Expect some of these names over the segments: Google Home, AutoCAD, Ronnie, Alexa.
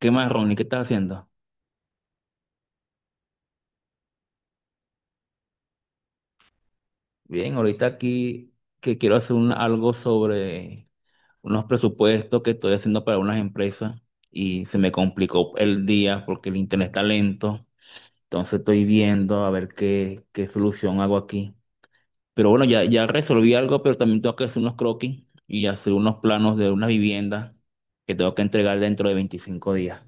¿Qué más, Ronnie? ¿Qué estás haciendo? Bien, ahorita aquí que quiero algo sobre unos presupuestos que estoy haciendo para unas empresas y se me complicó el día porque el internet está lento. Entonces estoy viendo a ver qué solución hago aquí. Pero bueno, ya resolví algo, pero también tengo que hacer unos croquis y hacer unos planos de una vivienda que tengo que entregar dentro de 25 días.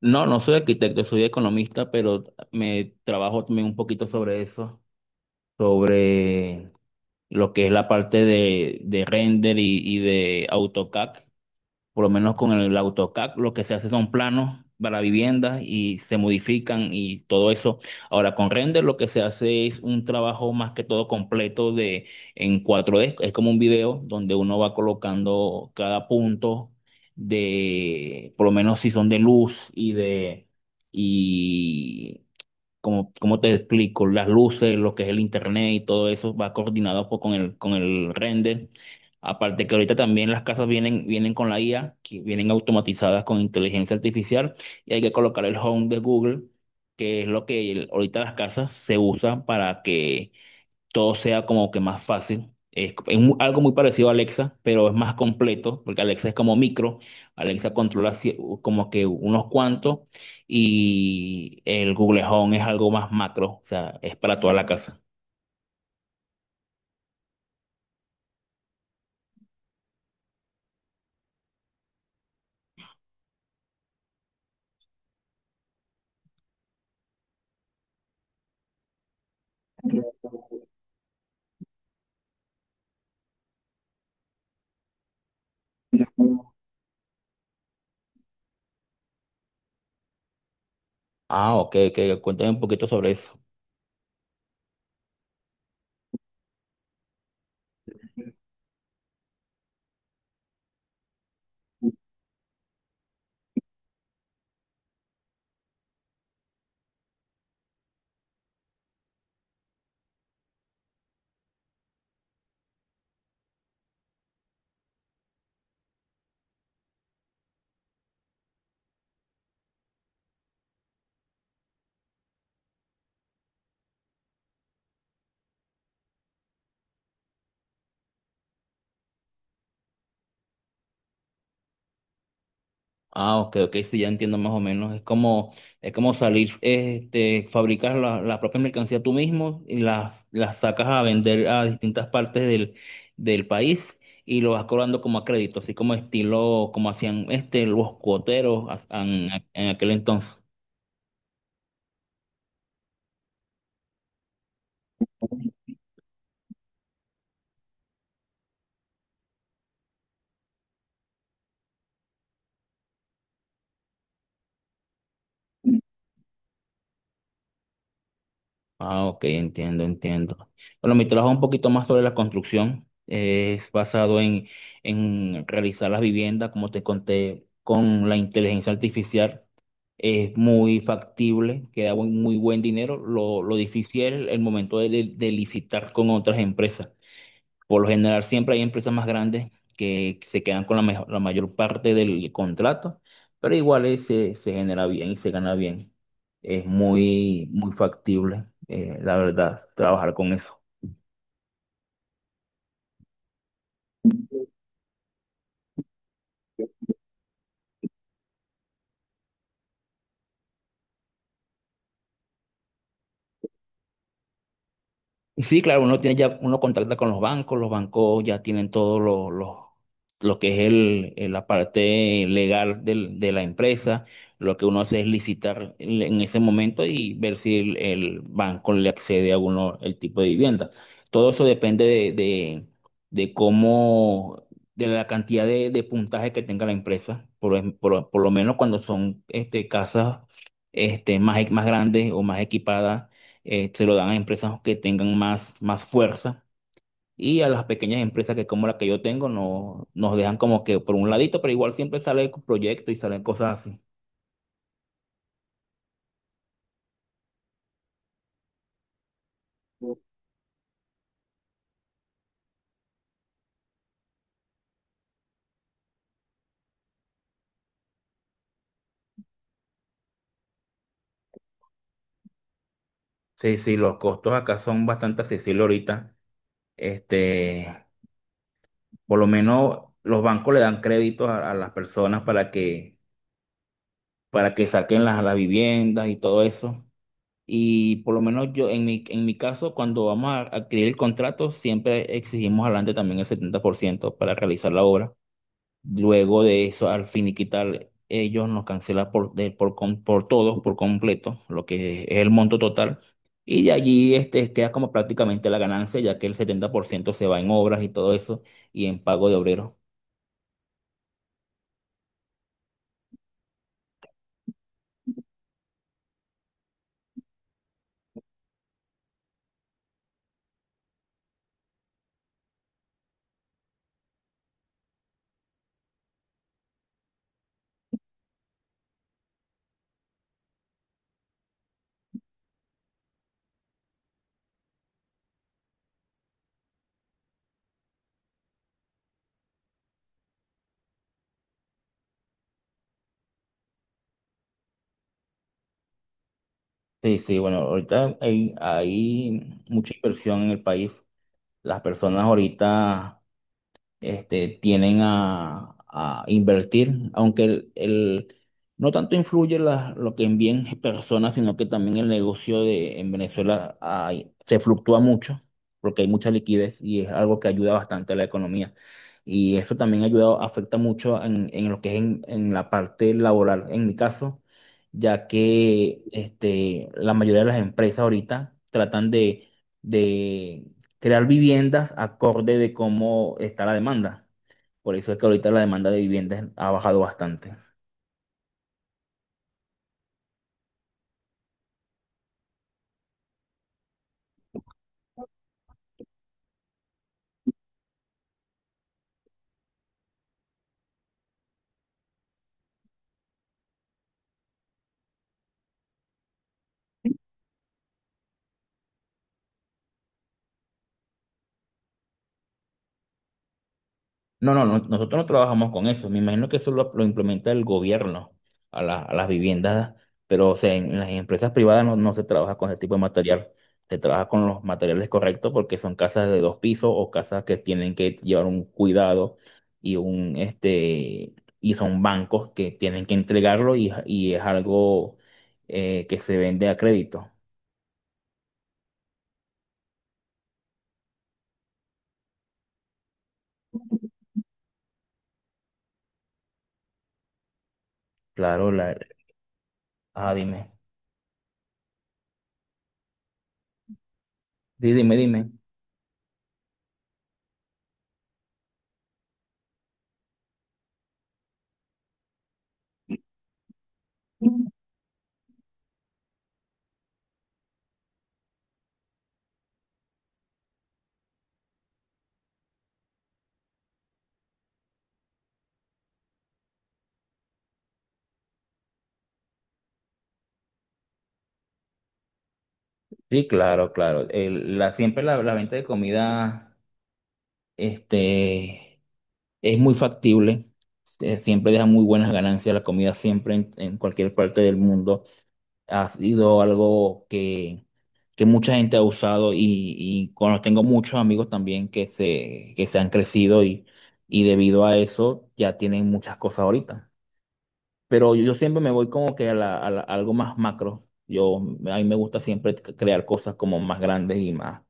No, no soy arquitecto, soy economista, pero me trabajo también un poquito sobre eso, sobre lo que es la parte de render y de AutoCAD. Por lo menos con el AutoCAD lo que se hace son planos para viviendas y se modifican y todo eso. Ahora con render lo que se hace es un trabajo más que todo completo de en 4D es como un video donde uno va colocando cada punto de, por lo menos si son de luz y de y como, como te explico, las luces, lo que es el internet y todo eso va coordinado pues, con con el render. Aparte que ahorita también las casas vienen con la IA, que vienen automatizadas con inteligencia artificial y hay que colocar el Home de Google, que es lo que ahorita las casas se usan para que todo sea como que más fácil. Es algo muy parecido a Alexa, pero es más completo, porque Alexa es como micro. Alexa controla como que unos cuantos y el Google Home es algo más macro, o sea, es para toda la casa. Ah, ok, ok, cuéntame un poquito sobre eso. Ah, ok, ok, sí, ya entiendo más o menos. Es como salir, este, fabricar la propia mercancía tú mismo y las sacas a vender a distintas partes del país y lo vas cobrando como a crédito, así como estilo, como hacían este, los cuoteros en aquel entonces. Ah, ok, entiendo, entiendo. Bueno, mi trabajo es un poquito más sobre la construcción. Es basado en realizar las viviendas, como te conté, con la inteligencia artificial. Es muy factible, queda muy buen dinero. Lo difícil es el momento de licitar con otras empresas. Por lo general, siempre hay empresas más grandes que se quedan con la mayor parte del contrato, pero igual se, se genera bien y se gana bien. Es muy, muy factible, la verdad, trabajar con eso. Y sí, claro, uno tiene ya, uno contacta con los bancos ya tienen todo lo que es el, la parte legal de la empresa. Lo que uno hace es licitar en ese momento y ver si el banco le accede a uno el tipo de vivienda. Todo eso depende de cómo, de la cantidad de puntaje que tenga la empresa. Por lo menos cuando son este, casas este, más grandes o más equipadas se lo dan a empresas que tengan más fuerza y a las pequeñas empresas que como la que yo tengo no, nos dejan como que por un ladito, pero igual siempre sale proyectos y salen cosas así. Sí, sí, los costos acá son bastante accesibles ahorita. Este, por lo menos los bancos le dan créditos a las personas para para que saquen las viviendas y todo eso. Y por lo menos yo, en mi caso, cuando vamos a adquirir el contrato, siempre exigimos adelante también el 70% para realizar la obra. Luego de eso, al finiquitar, ellos nos cancelan por todo, por completo, lo que es el monto total. Y de allí este, queda como prácticamente la ganancia, ya que el 70% se va en obras y todo eso, y en pago de obreros. Sí, sí, bueno, ahorita hay mucha inversión en el país. Las personas ahorita este, tienen a invertir, aunque no tanto influye lo que envíen personas, sino que también el negocio de, en Venezuela se fluctúa mucho, porque hay mucha liquidez y es algo que ayuda bastante a la economía. Y eso también ayuda, afecta mucho en lo que es en la parte laboral, en mi caso, ya que este, la mayoría de las empresas ahorita tratan de, crear viviendas acorde de cómo está la demanda. Por eso es que ahorita la demanda de viviendas ha bajado bastante. No, no, no, nosotros no trabajamos con eso. Me imagino que eso lo implementa el gobierno a las viviendas, pero o sea, en las empresas privadas no, no se trabaja con ese tipo de material. Se trabaja con los materiales correctos porque son casas de 2 pisos o casas que tienen que llevar un cuidado y un este y son bancos que tienen que entregarlo y es algo que se vende a crédito. Claro, la... Ah, dime. Dime, dime. Sí, claro, claro. Siempre la venta de comida este, es muy factible. Siempre deja muy buenas ganancias. La comida siempre en cualquier parte del mundo ha sido algo que mucha gente ha usado y cuando tengo muchos amigos también que que se han crecido y debido a eso ya tienen muchas cosas ahorita. Pero yo siempre me voy como que a algo más macro. Yo, a mí me gusta siempre crear cosas como más grandes y más,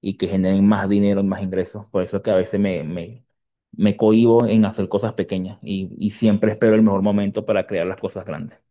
y que generen más dinero y más ingresos. Por eso es que a veces me cohíbo en hacer cosas pequeñas y siempre espero el mejor momento para crear las cosas grandes.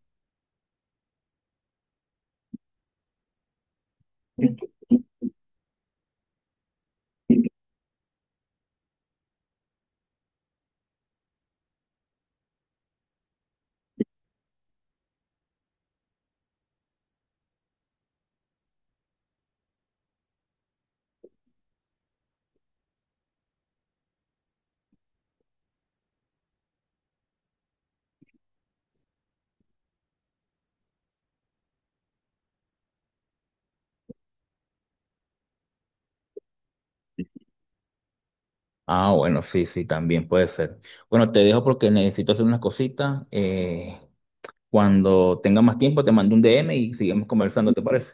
Ah, bueno, sí, sí, también puede ser. Bueno, te dejo porque necesito hacer unas cositas. Cuando tenga más tiempo, te mando un DM y seguimos conversando, ¿te parece?